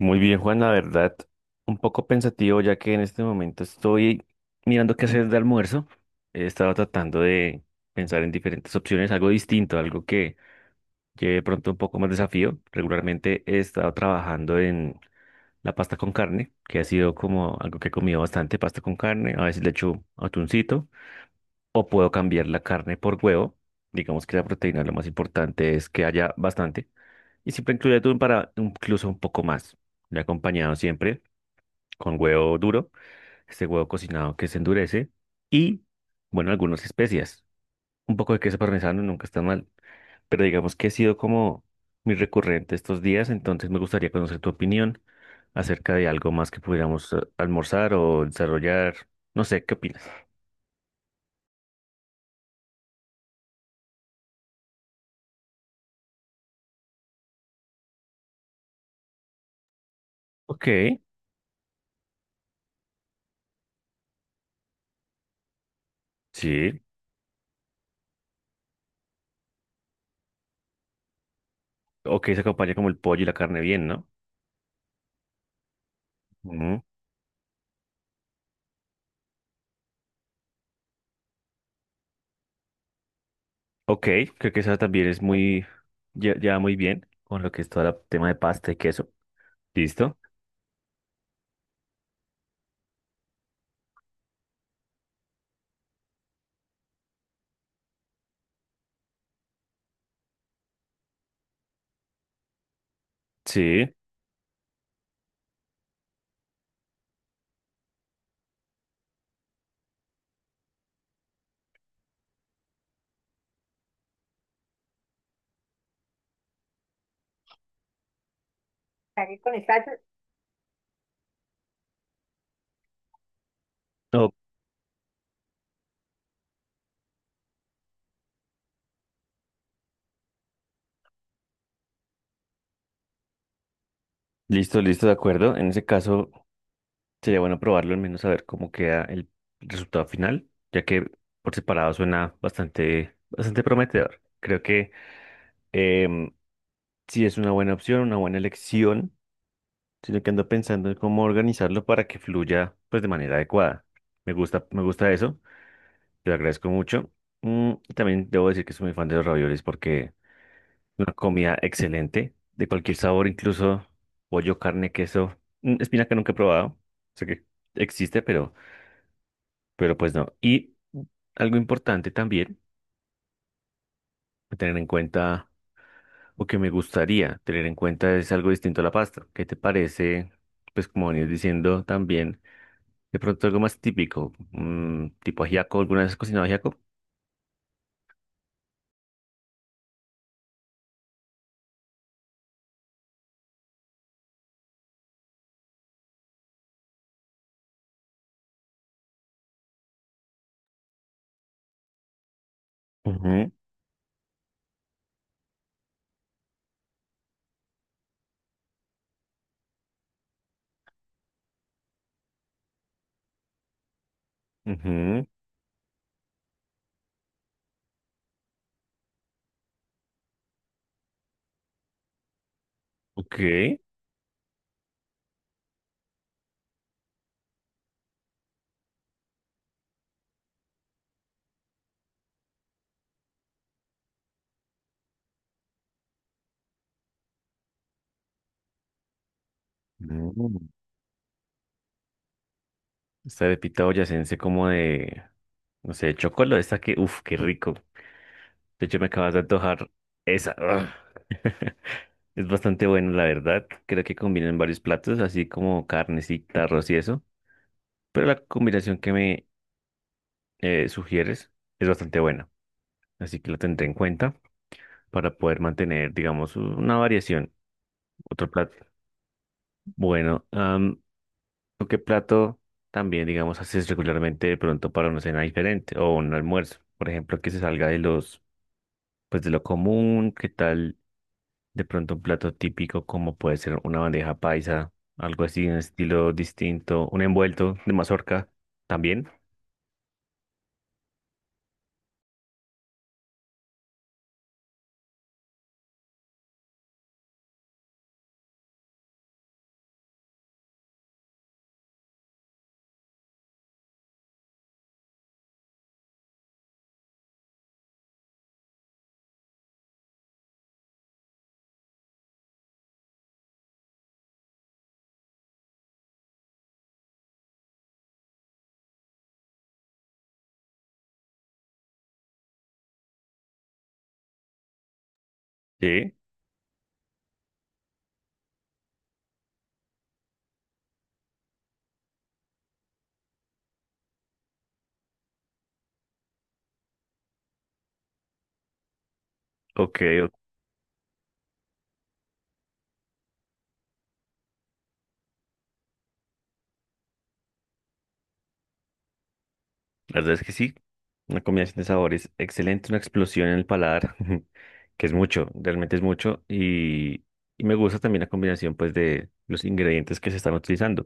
Muy bien, Juan, la verdad, un poco pensativo ya que en este momento estoy mirando qué hacer de almuerzo. He estado tratando de pensar en diferentes opciones, algo distinto, algo que lleve de pronto un poco más desafío. Regularmente he estado trabajando en la pasta con carne, que ha sido como algo que he comido bastante, pasta con carne. A veces le echo atuncito o puedo cambiar la carne por huevo. Digamos que la proteína lo más importante es que haya bastante y siempre incluye atún para incluso un poco más. Le he acompañado siempre con huevo duro, este huevo cocinado que se endurece y, bueno, algunas especias. Un poco de queso parmesano nunca está mal, pero digamos que ha sido como muy recurrente estos días, entonces me gustaría conocer tu opinión acerca de algo más que pudiéramos almorzar o desarrollar. No sé, ¿qué opinas? Ok, sí. Ok, se acompaña como el pollo y la carne bien, ¿no? Ujú. Ok, creo que esa también es muy, ya, ya muy bien con lo que es todo el tema de pasta y queso. ¿Listo? Sí. Oh, listo, listo, de acuerdo. En ese caso, sería bueno probarlo, al menos saber cómo queda el resultado final, ya que por separado suena bastante, bastante prometedor. Creo que em, sí es una buena opción, una buena elección, sino que ando pensando en cómo organizarlo para que fluya pues de manera adecuada. Me gusta eso, te lo agradezco mucho. Y también debo decir que soy muy fan de los raviolis porque una comida excelente, de cualquier sabor, incluso pollo, carne, queso, espinaca nunca he probado, sé que existe, pero, pues no. Y algo importante también a tener en cuenta, o que me gustaría tener en cuenta, es algo distinto a la pasta. ¿Qué te parece? Pues como venías diciendo también, de pronto algo más típico, tipo ajiaco, ¿alguna vez has cocinado ajiaco? Ujú, ujú, ok. Mm, Esta arepita boyacense como de, no sé, chocolate esa que, uff, qué rico. De hecho, me acabas de antojar esa. Ugh. Es bastante bueno, la verdad. Creo que combinan varios platos, así como carnecita, arroz y eso. Pero la combinación que me sugieres es bastante buena. Así que lo tendré en cuenta para poder mantener, digamos, una variación. Otro plato. Bueno, ¿tú qué plato también, digamos, haces regularmente de pronto para una cena diferente o un almuerzo? Por ejemplo, que se salga de los, pues, de lo común. ¿Qué tal? De pronto un plato típico como puede ser una bandeja paisa, algo así, un estilo distinto, un envuelto de mazorca también. Sí, ok, o- la verdad es que sí. Una combinación de sabores excelente, una explosión en el paladar, que es mucho, realmente es mucho. Y me gusta también la combinación pues de los ingredientes que se están utilizando.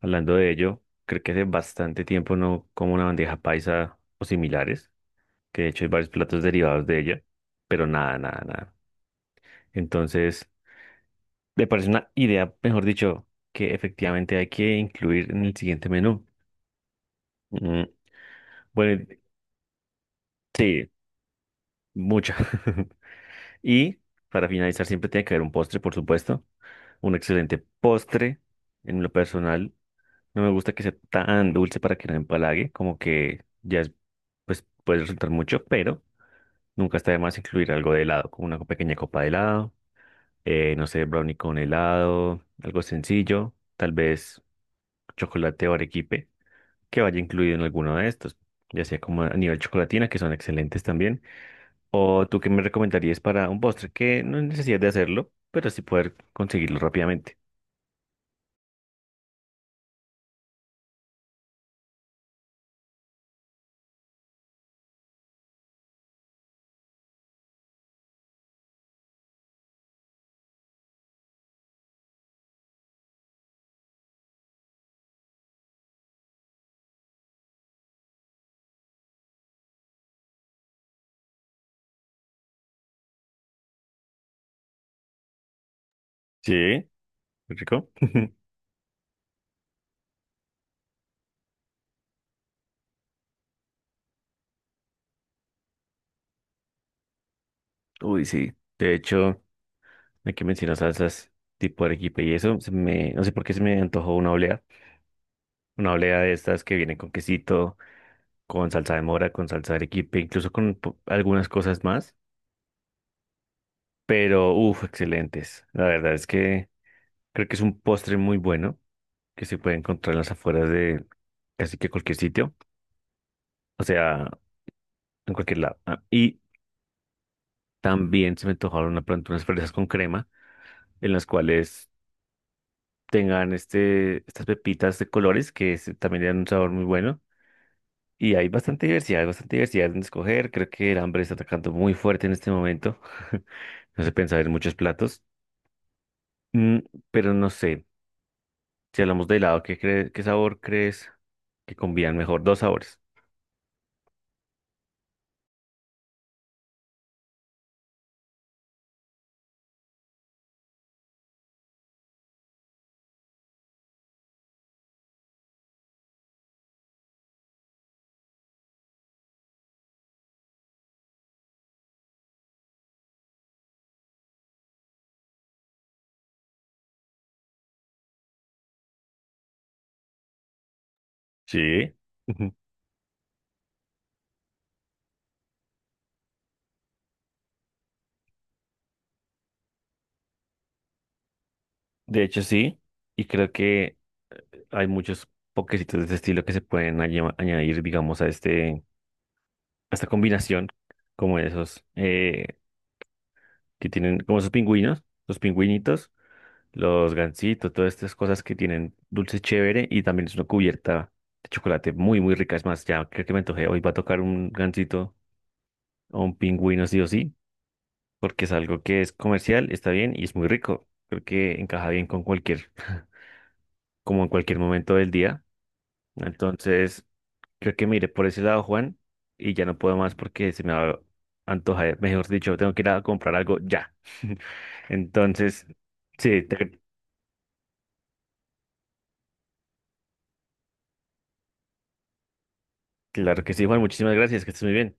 Hablando de ello, creo que hace bastante tiempo no como una bandeja paisa o similares, que de hecho hay varios platos derivados de ella, pero nada, nada, nada. Entonces, me parece una idea, mejor dicho, que efectivamente hay que incluir en el siguiente menú. Mm, bueno, sí, mucha. Y para finalizar, siempre tiene que haber un postre, por supuesto. Un excelente postre. En lo personal, no me gusta que sea tan dulce para que no empalague, como que ya es, pues puede resultar mucho, pero nunca está de más incluir algo de helado, como una pequeña copa de helado, no sé, brownie con helado, algo sencillo, tal vez. Chocolate o arequipe que vaya incluido en alguno de estos, ya sea como a nivel chocolatina, que son excelentes también, o tú qué me recomendarías para un postre que no hay necesidad de hacerlo, pero sí poder conseguirlo rápidamente. Sí, rico. Uy, sí. De hecho, aquí mencionas salsas tipo arequipe y eso, no sé por qué se me antojó una oblea de estas que vienen con quesito, con salsa de mora, con salsa de arequipe, incluso con algunas cosas más, pero uff, excelentes. La verdad es que creo que es un postre muy bueno que se puede encontrar en las afueras de casi que cualquier sitio, o sea, en cualquier lado. Ah, y también se me antojaron de pronto unas fresas con crema en las cuales tengan este, estas pepitas de colores que también le dan un sabor muy bueno. Y hay bastante diversidad en escoger. Creo que el hambre está atacando muy fuerte en este momento. No se pensaba en muchos platos. Mm, pero no sé, si hablamos de helado, qué sabor crees que combinan mejor? Dos sabores. Sí. Ujú. De hecho, sí, y creo que hay muchos pokecitos de este estilo que se pueden añadir, digamos, a este, a esta combinación, como esos que tienen, como esos pingüinos, los pingüinitos, los gansitos, todas estas cosas que tienen dulce chévere y también es una cubierta de chocolate muy, muy rica. Es más, ya creo que me antojé, hoy va a tocar un gansito o un pingüino sí o sí, porque es algo que es comercial, está bien y es muy rico. Creo que encaja bien con cualquier. Como en cualquier momento del día. Entonces, creo que mire por ese lado, Juan, y ya no puedo más porque se me va a antojar, mejor dicho, tengo que ir a comprar algo ya. Entonces, sí, claro que sí, Juan, muchísimas gracias, que estés muy bien.